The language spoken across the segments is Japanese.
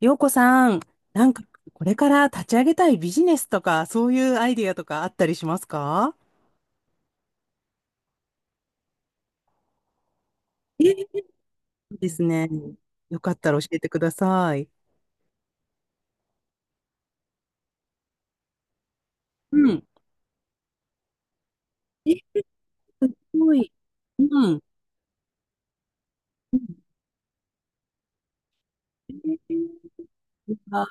洋子さん、なんか、これから立ち上げたいビジネスとか、そういうアイディアとかあったりしますか？ええですね。よかったら教えてください。うん。え、すごい。うん。えーあ、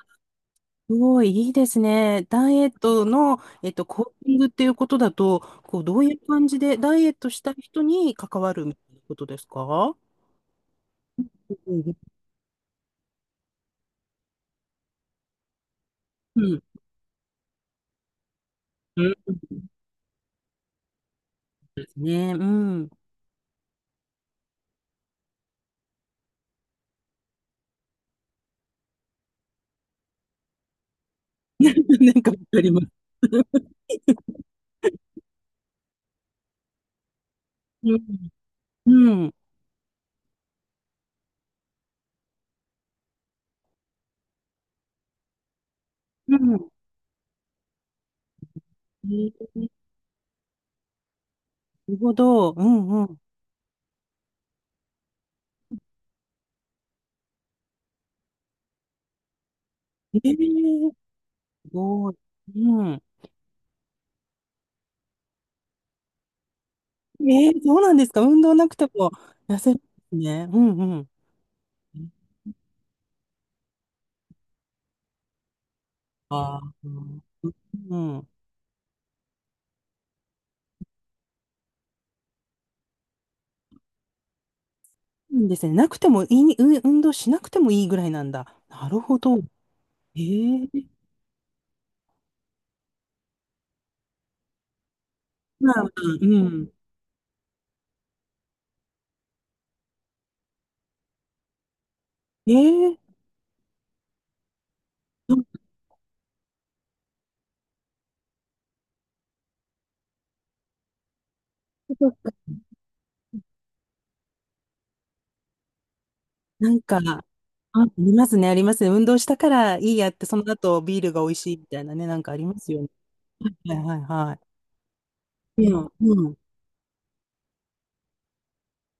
すごい、いいですね。ダイエットの、コーチングっていうことだと、こう、どういう感じで、ダイエットしたい人に関わるみたいなことですか？うん。うん。うんですね。うん。なんかわかります。うん。うんうん。ええ、なるほど。うんうん。ええ、すごい。うん。ええ、そうなんですか。運動なくても痩せるんですね。うんうん。ああ、うん。うん、いいですね。なくてもいい、運動しなくてもいいぐらいなんだ。なるほど。ええ、まあまあ、うん。ええ、そっかそっか。なんか、あ、ありますね、ありますね。運動したからいいやって、その後ビールが美味しいみたいなね、なんかありますよね。はいはいはい。うん、うん。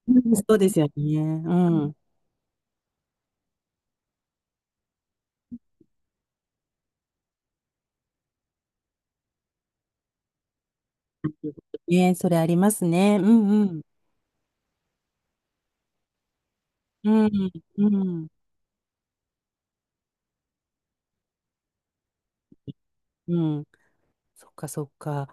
うん、そうですよね。うんん。ね、それありますね。うんうん。うん、うん、うん。そっかそっか。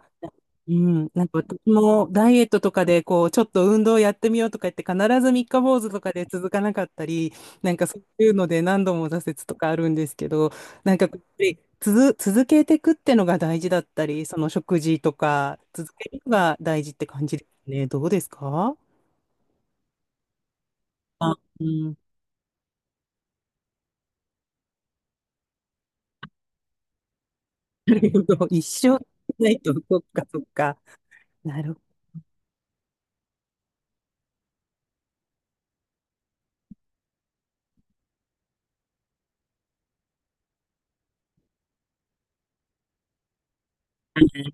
うん。なんか私もダイエットとかで、こう、ちょっと運動やってみようとか言って、必ず三日坊主とかで続かなかったり、なんかそういうので何度も挫折とかあるんですけど、なんかやっぱり続けていくってのが大事だったり、その食事とか、続けるのが大事って感じですね。どうですか？あ、うん。なるほど。一生ないと、そっかそっか。なるほど。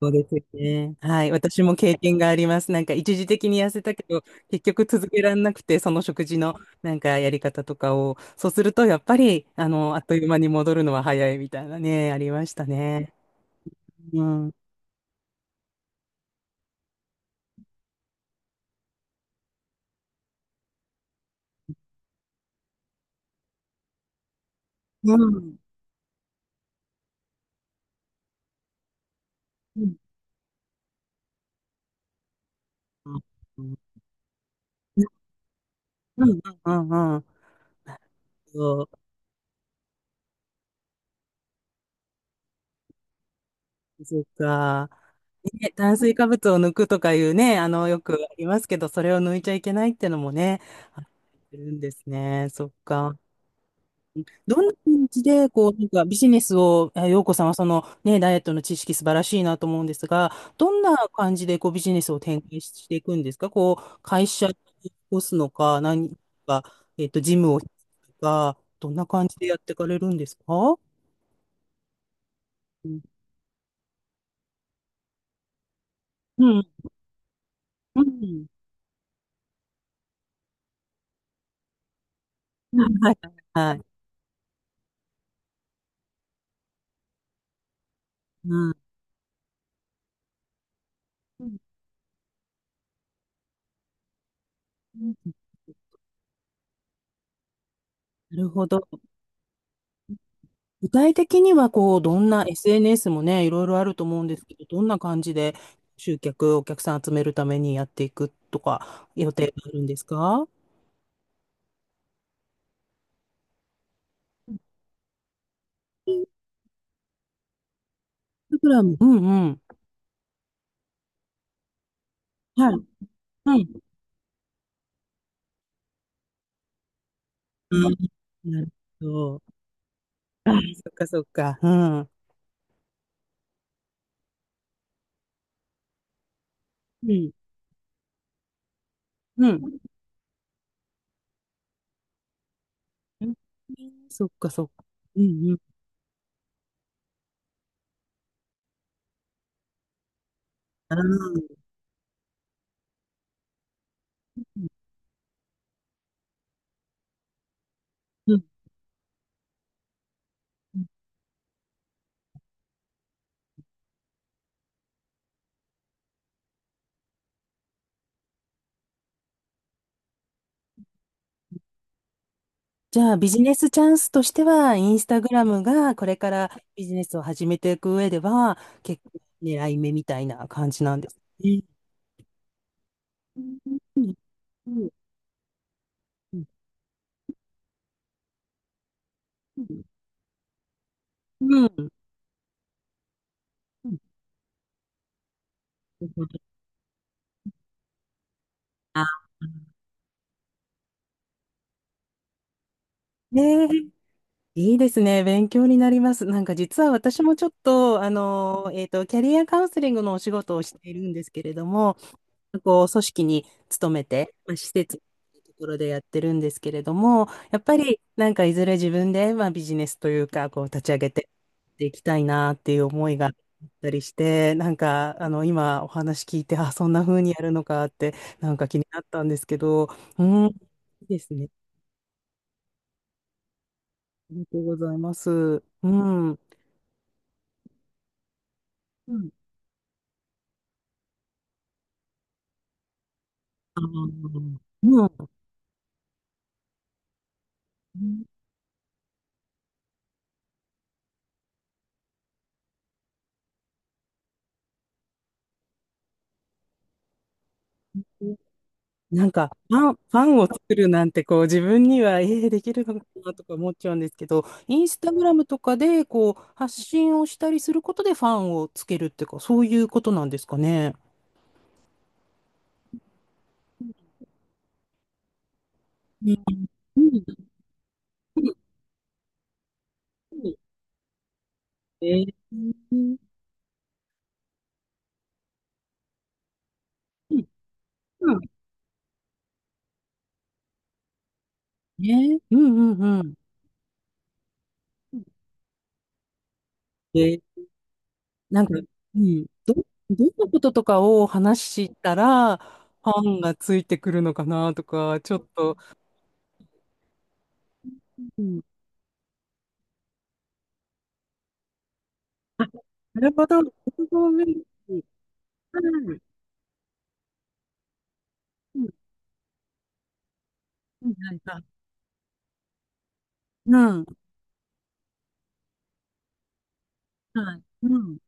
そうですよね。はい。私も経験があります。なんか一時的に痩せたけど、結局続けられなくて、その食事のなんかやり方とかを、そうすると、やっぱり、あっという間に戻るのは早いみたいなね、ありましたね。うん。うん。うん。うん。うん。うん。うん。うん。そうか。ね、炭水化物を抜くとかいうね、よくありますけど、それを抜いちゃいけないってのもね、あるんですね。そっか。どんな感じで、こう、なんかビジネスを、あ、陽子さんはそのね、ダイエットの知識素晴らしいなと思うんですが、どんな感じでこうビジネスを展開していくんですか？こう、会社を起こすのか、何か、ジムを開くとか、どんな感じでやっていかれるんですか？うん。うん。うん。はい。はい。うん。うん なるほど。具体的には、こう、どんな SNS もね、いろいろあると思うんですけど、どんな感じで集客、お客さん集めるためにやっていくとか、予定があるんですか？インスタグラム。うんうん。はい。はい。うん、なるほど。あ、そっかそっか。うん。うん。うん。そっかそっか。うんうん。あー、うん。じゃあ、ビジネスチャンスとしては、インスタグラムがこれからビジネスを始めていく上では、結構狙い目みたいな感じなんですね。うんうんうんうんうん、あ、ねえ、いいですね。勉強になります。なんか実は私もちょっと、キャリアカウンセリングのお仕事をしているんですけれども、こう組織に勤めて、まあ、施設というところでやってるんですけれども、やっぱりなんかいずれ自分で、まあ、ビジネスというか、こう立ち上げていきたいなっていう思いがあったりして、なんか今お話聞いて、あ、そんな風にやるのかってなんか気になったんですけど、うん、いいですね。ありがとうございます。うん。うん。あー、うん。なんか、ファンを作るなんて、こう、自分には、できるのかなとか思っちゃうんですけど、インスタグラムとかで、こう、発信をしたりすることでファンをつけるっていうか、そういうことなんですかね。うん、えー、うんうんね、うんうんうん。で、なんか、うん、どんなこととかを話したら、ファンがついてくるのかなとか、ちょっと、うん、あ、なるほど、なるほど、うん、うん、うん、うんはいはいうん。はい。うん。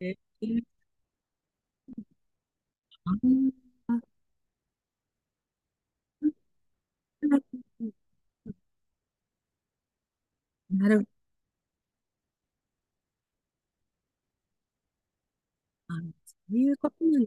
ええ、ああ、なるほど。そういうことなん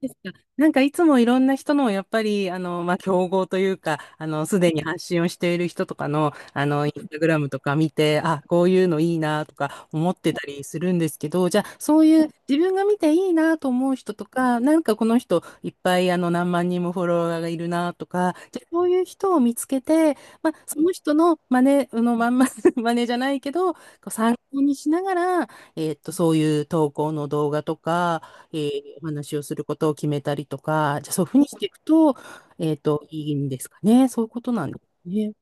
ですか。なんかいつもいろんな人の、やっぱり、まあ、競合というか、すでに発信をしている人とかの、インスタグラムとか見て、あ、こういうのいいなとか思ってたりするんですけど、じゃあ、そういう自分が見ていいなと思う人とか、なんかこの人いっぱい、何万人もフォロワーがいるなとか、じゃあ、そういう人を見つけて、まあ、その人の真似、あのまんま 真似じゃないけど、こう参考にしながら、そういう投稿の動画とか、えお話をすることを決めたりとか、じゃあそういうふうにしていくと、いいんですかね。そういうことなんですね。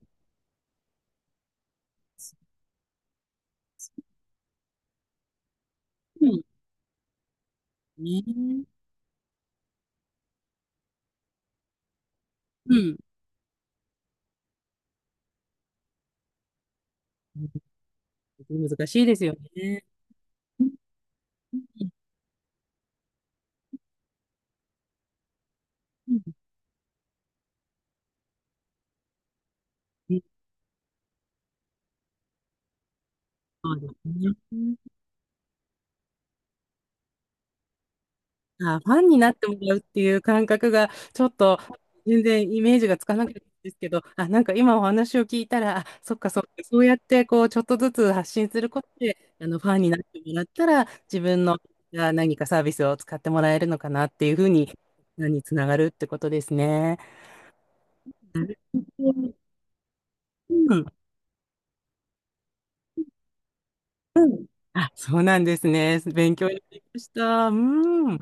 うんね。うん。難しいですよね。うんうんうんうんそうですね。あ、ファンになってもらうっていう感覚が、ちょっと全然イメージがつかなかったんですけど、あ、なんか今お話を聞いたら、あ、そっかそっか、そうやってこう、ちょっとずつ発信することで、ファンになってもらったら、自分の、あ、何かサービスを使ってもらえるのかなっていうふうに、につながるってことですね。なるほど。うん。うん、あ、そうなんですね。勉強になりました。うん。